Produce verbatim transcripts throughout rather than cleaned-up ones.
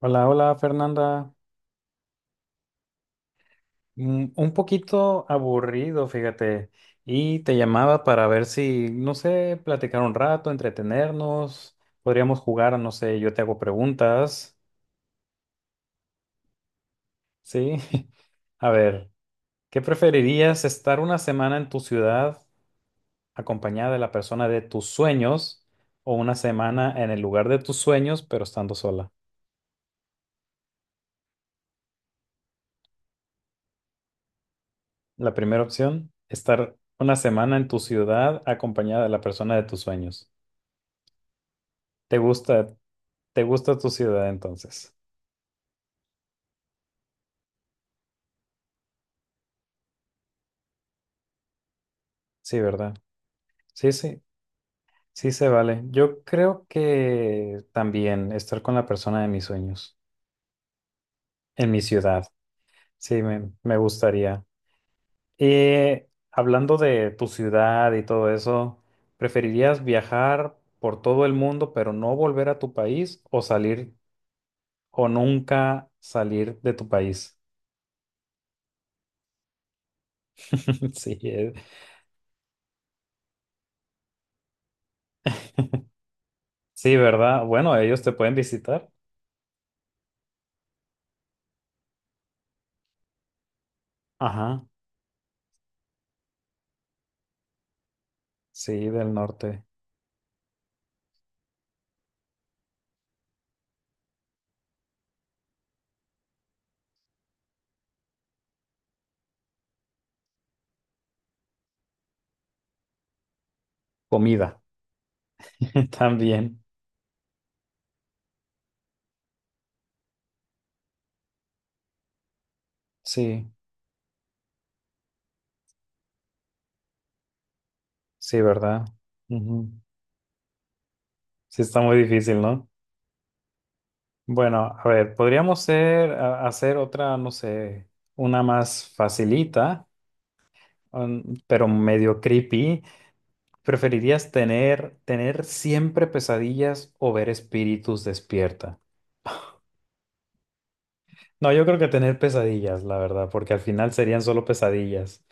Hola, hola Fernanda. Mm, Un poquito aburrido, fíjate. Y te llamaba para ver si, no sé, platicar un rato, entretenernos. Podríamos jugar, no sé, yo te hago preguntas. Sí. A ver, ¿qué preferirías? ¿Estar una semana en tu ciudad acompañada de la persona de tus sueños o una semana en el lugar de tus sueños pero estando sola? La primera opción, estar una semana en tu ciudad acompañada de la persona de tus sueños. ¿Te gusta? ¿Te gusta tu ciudad entonces? Sí, ¿verdad? Sí, sí, sí se vale. Yo creo que también estar con la persona de mis sueños en mi ciudad. Sí, me, me gustaría. Y hablando de tu ciudad y todo eso, ¿preferirías viajar por todo el mundo pero no volver a tu país o salir o nunca salir de tu país? Sí, eh, sí, ¿verdad? Bueno, ellos te pueden visitar. Ajá, sí, del norte. Comida. También, sí, sí, ¿verdad? Ujú. Sí, está muy difícil, ¿no? Bueno, a ver, podríamos ser- a- hacer otra, no sé, una más facilita, un- pero medio creepy. ¿Preferirías tener, tener siempre pesadillas o ver espíritus despierta? No, yo creo que tener pesadillas, la verdad, porque al final serían solo pesadillas.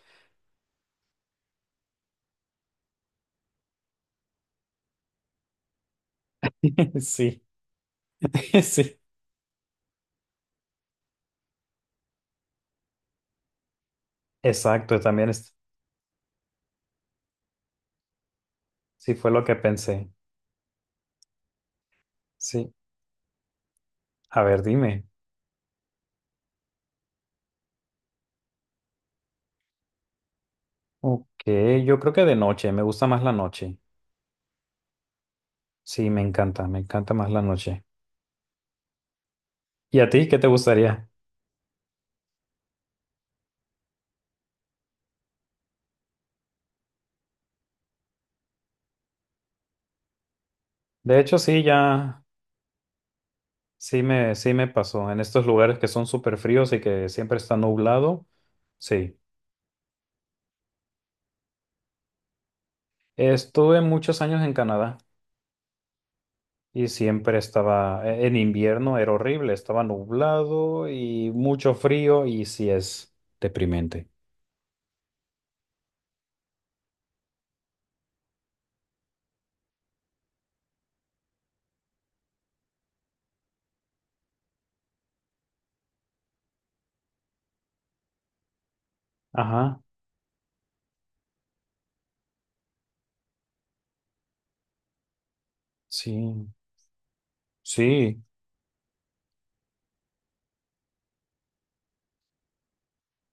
Sí, sí, exacto, también es- sí fue lo que pensé. Sí, a ver, dime. Ok, yo creo que de noche, me gusta más la noche. Sí, me encanta, me encanta más la noche. ¿Y a ti qué te gustaría? De hecho, sí, ya, sí me, sí me pasó. En estos lugares que son súper fríos y que siempre está nublado, sí. Estuve muchos años en Canadá y siempre estaba, e- en invierno era horrible, estaba nublado y mucho frío y sí es deprimente. Ajá, sí, sí,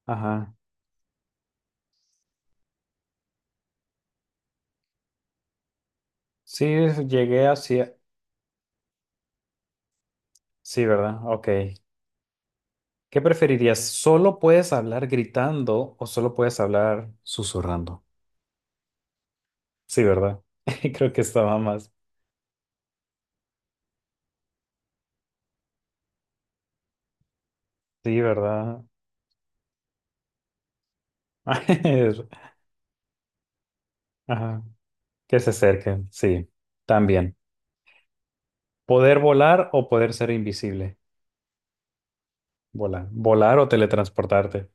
ajá. Sí, llegué hacia... Sí, ¿verdad? Ok. ¿Qué preferirías? ¿Solo puedes hablar gritando o solo puedes hablar susurrando? Sí, ¿verdad? Creo que estaba más. Sí, ¿verdad? Ajá. Que se acerquen. Sí, también. ¿Poder volar o poder ser invisible? Volar. Volar o teletransportarte.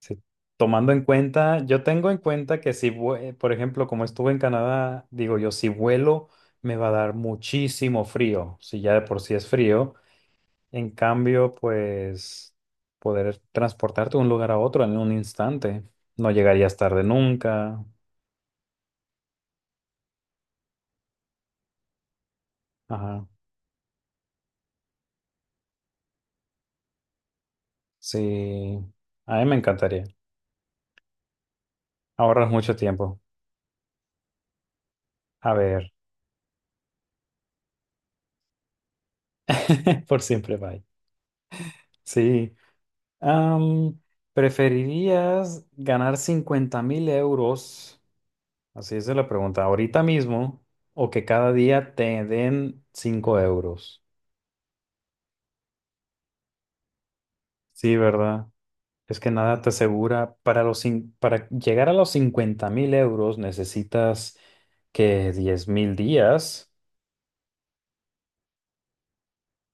Sí. Tomando en cuenta, yo tengo en cuenta que si, vue- por ejemplo, como estuve en Canadá, digo yo, si vuelo, me va a dar muchísimo frío. Si ya de por sí es frío. En cambio, pues poder transportarte de un lugar a otro en un instante. No llegarías tarde nunca. Ajá. Sí. A mí me encantaría. Ahorras mucho tiempo. A ver, por siempre, bye. Sí. Am, ¿preferirías ganar cincuenta mil euros? Así es la pregunta. ¿Ahorita mismo o que cada día te den cinco euros? Sí, ¿verdad? Es que nada te asegura, para los, cin- para llegar a los cincuenta mil euros necesitas que diez mil días,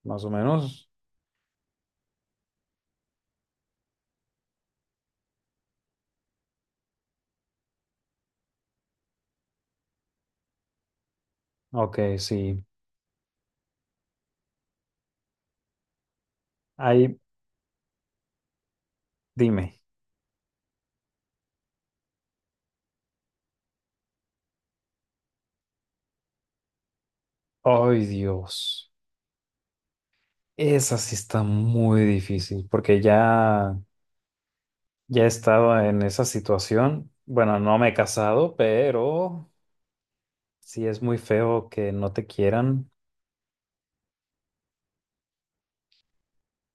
más o menos. Ok, sí. Ahí, dime. Ay, Dios. Esa sí está muy difícil porque ya, ya he estado en esa situación. Bueno, no me he casado, pero sí es muy feo que no te quieran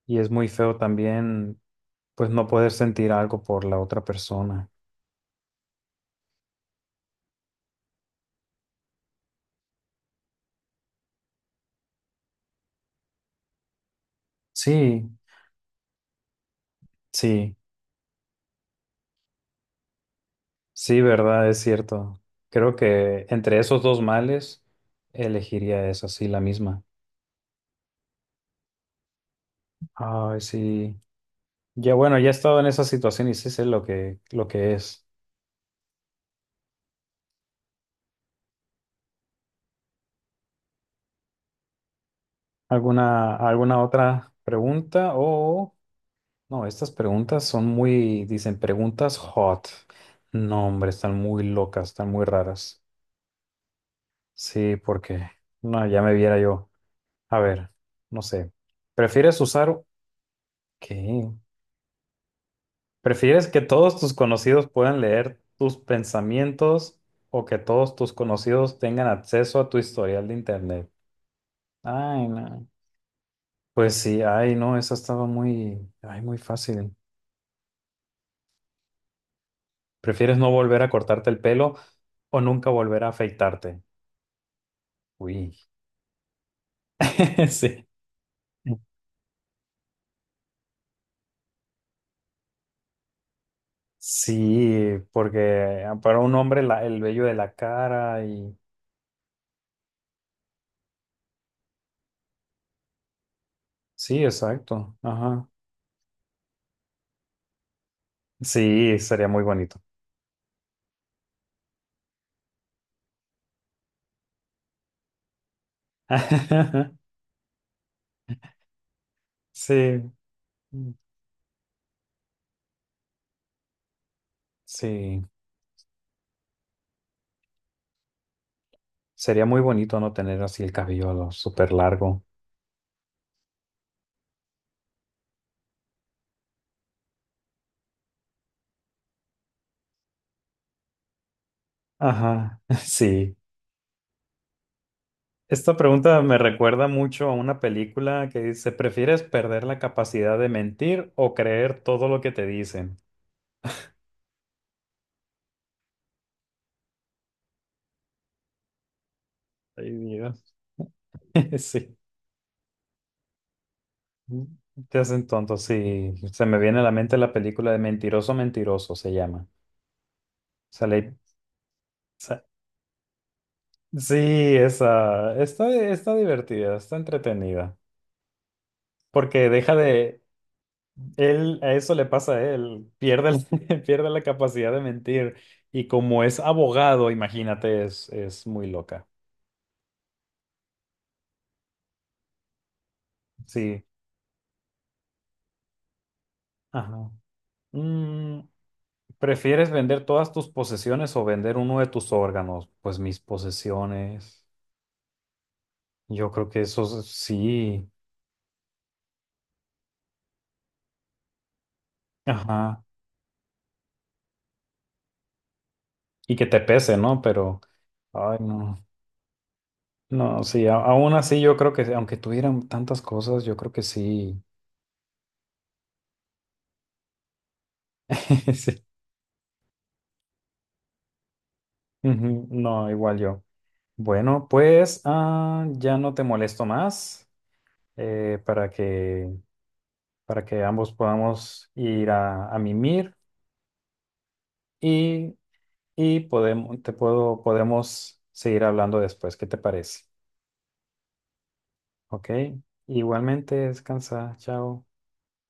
y es muy feo también, pues, no poder sentir algo por la otra persona. Sí. Sí, sí, verdad, es cierto. Creo que entre esos dos males elegiría esa, sí, la misma. Ay, sí. Ya bueno, ya he estado en esa situación y sí sé lo que, lo que es. ¿Alguna, alguna otra pregunta? O no, estas preguntas son muy, dicen preguntas hot. No, hombre, están muy locas, están muy raras. Sí, porque no, ya me viera yo. A ver, no sé. ¿Prefieres usar qué? ¿Prefieres que todos tus conocidos puedan leer tus pensamientos o que todos tus conocidos tengan acceso a tu historial de internet? Ay, no. Pues sí, ay, no, esa estaba muy, ay, muy fácil. ¿Prefieres no volver a cortarte el pelo o nunca volver a afeitarte? Uy, sí. Sí, porque ah, para un hombre la- el vello de la cara y... Sí, exacto. Ajá. Sí, sería muy bonito. Sí, sí. Sería muy bonito no tener así el cabello súper largo. Ajá, sí. Esta pregunta me recuerda mucho a una película que dice, ¿prefieres perder la capacidad de mentir o creer todo lo que te dicen? Ay, Dios. Sí. Te hacen tonto, sí. Se me viene a la mente la película de Mentiroso, Mentiroso, se llama. Sale, sa- sí, esa. Está, está divertida, está entretenida. Porque deja de, Él, a eso le pasa a él, pierde, la- pierde la capacidad de mentir y como es abogado, imagínate, es, es, muy loca. Sí. Ajá. Mm, ¿prefieres vender todas tus posesiones o vender uno de tus órganos? Pues mis posesiones. Yo creo que eso es- sí. Ajá. Y que te pese, ¿no? Pero, ay, no. No, sí, a- aún así yo creo que, aunque tuvieran tantas cosas, yo creo que sí. Sí. Ujú, no, igual yo. Bueno, pues ah, ya no te molesto más, eh, para que, para que ambos podamos ir a, a mimir y, y podemos, te puedo, podemos seguir hablando después. ¿Qué te parece? Ok, igualmente descansa. Chao.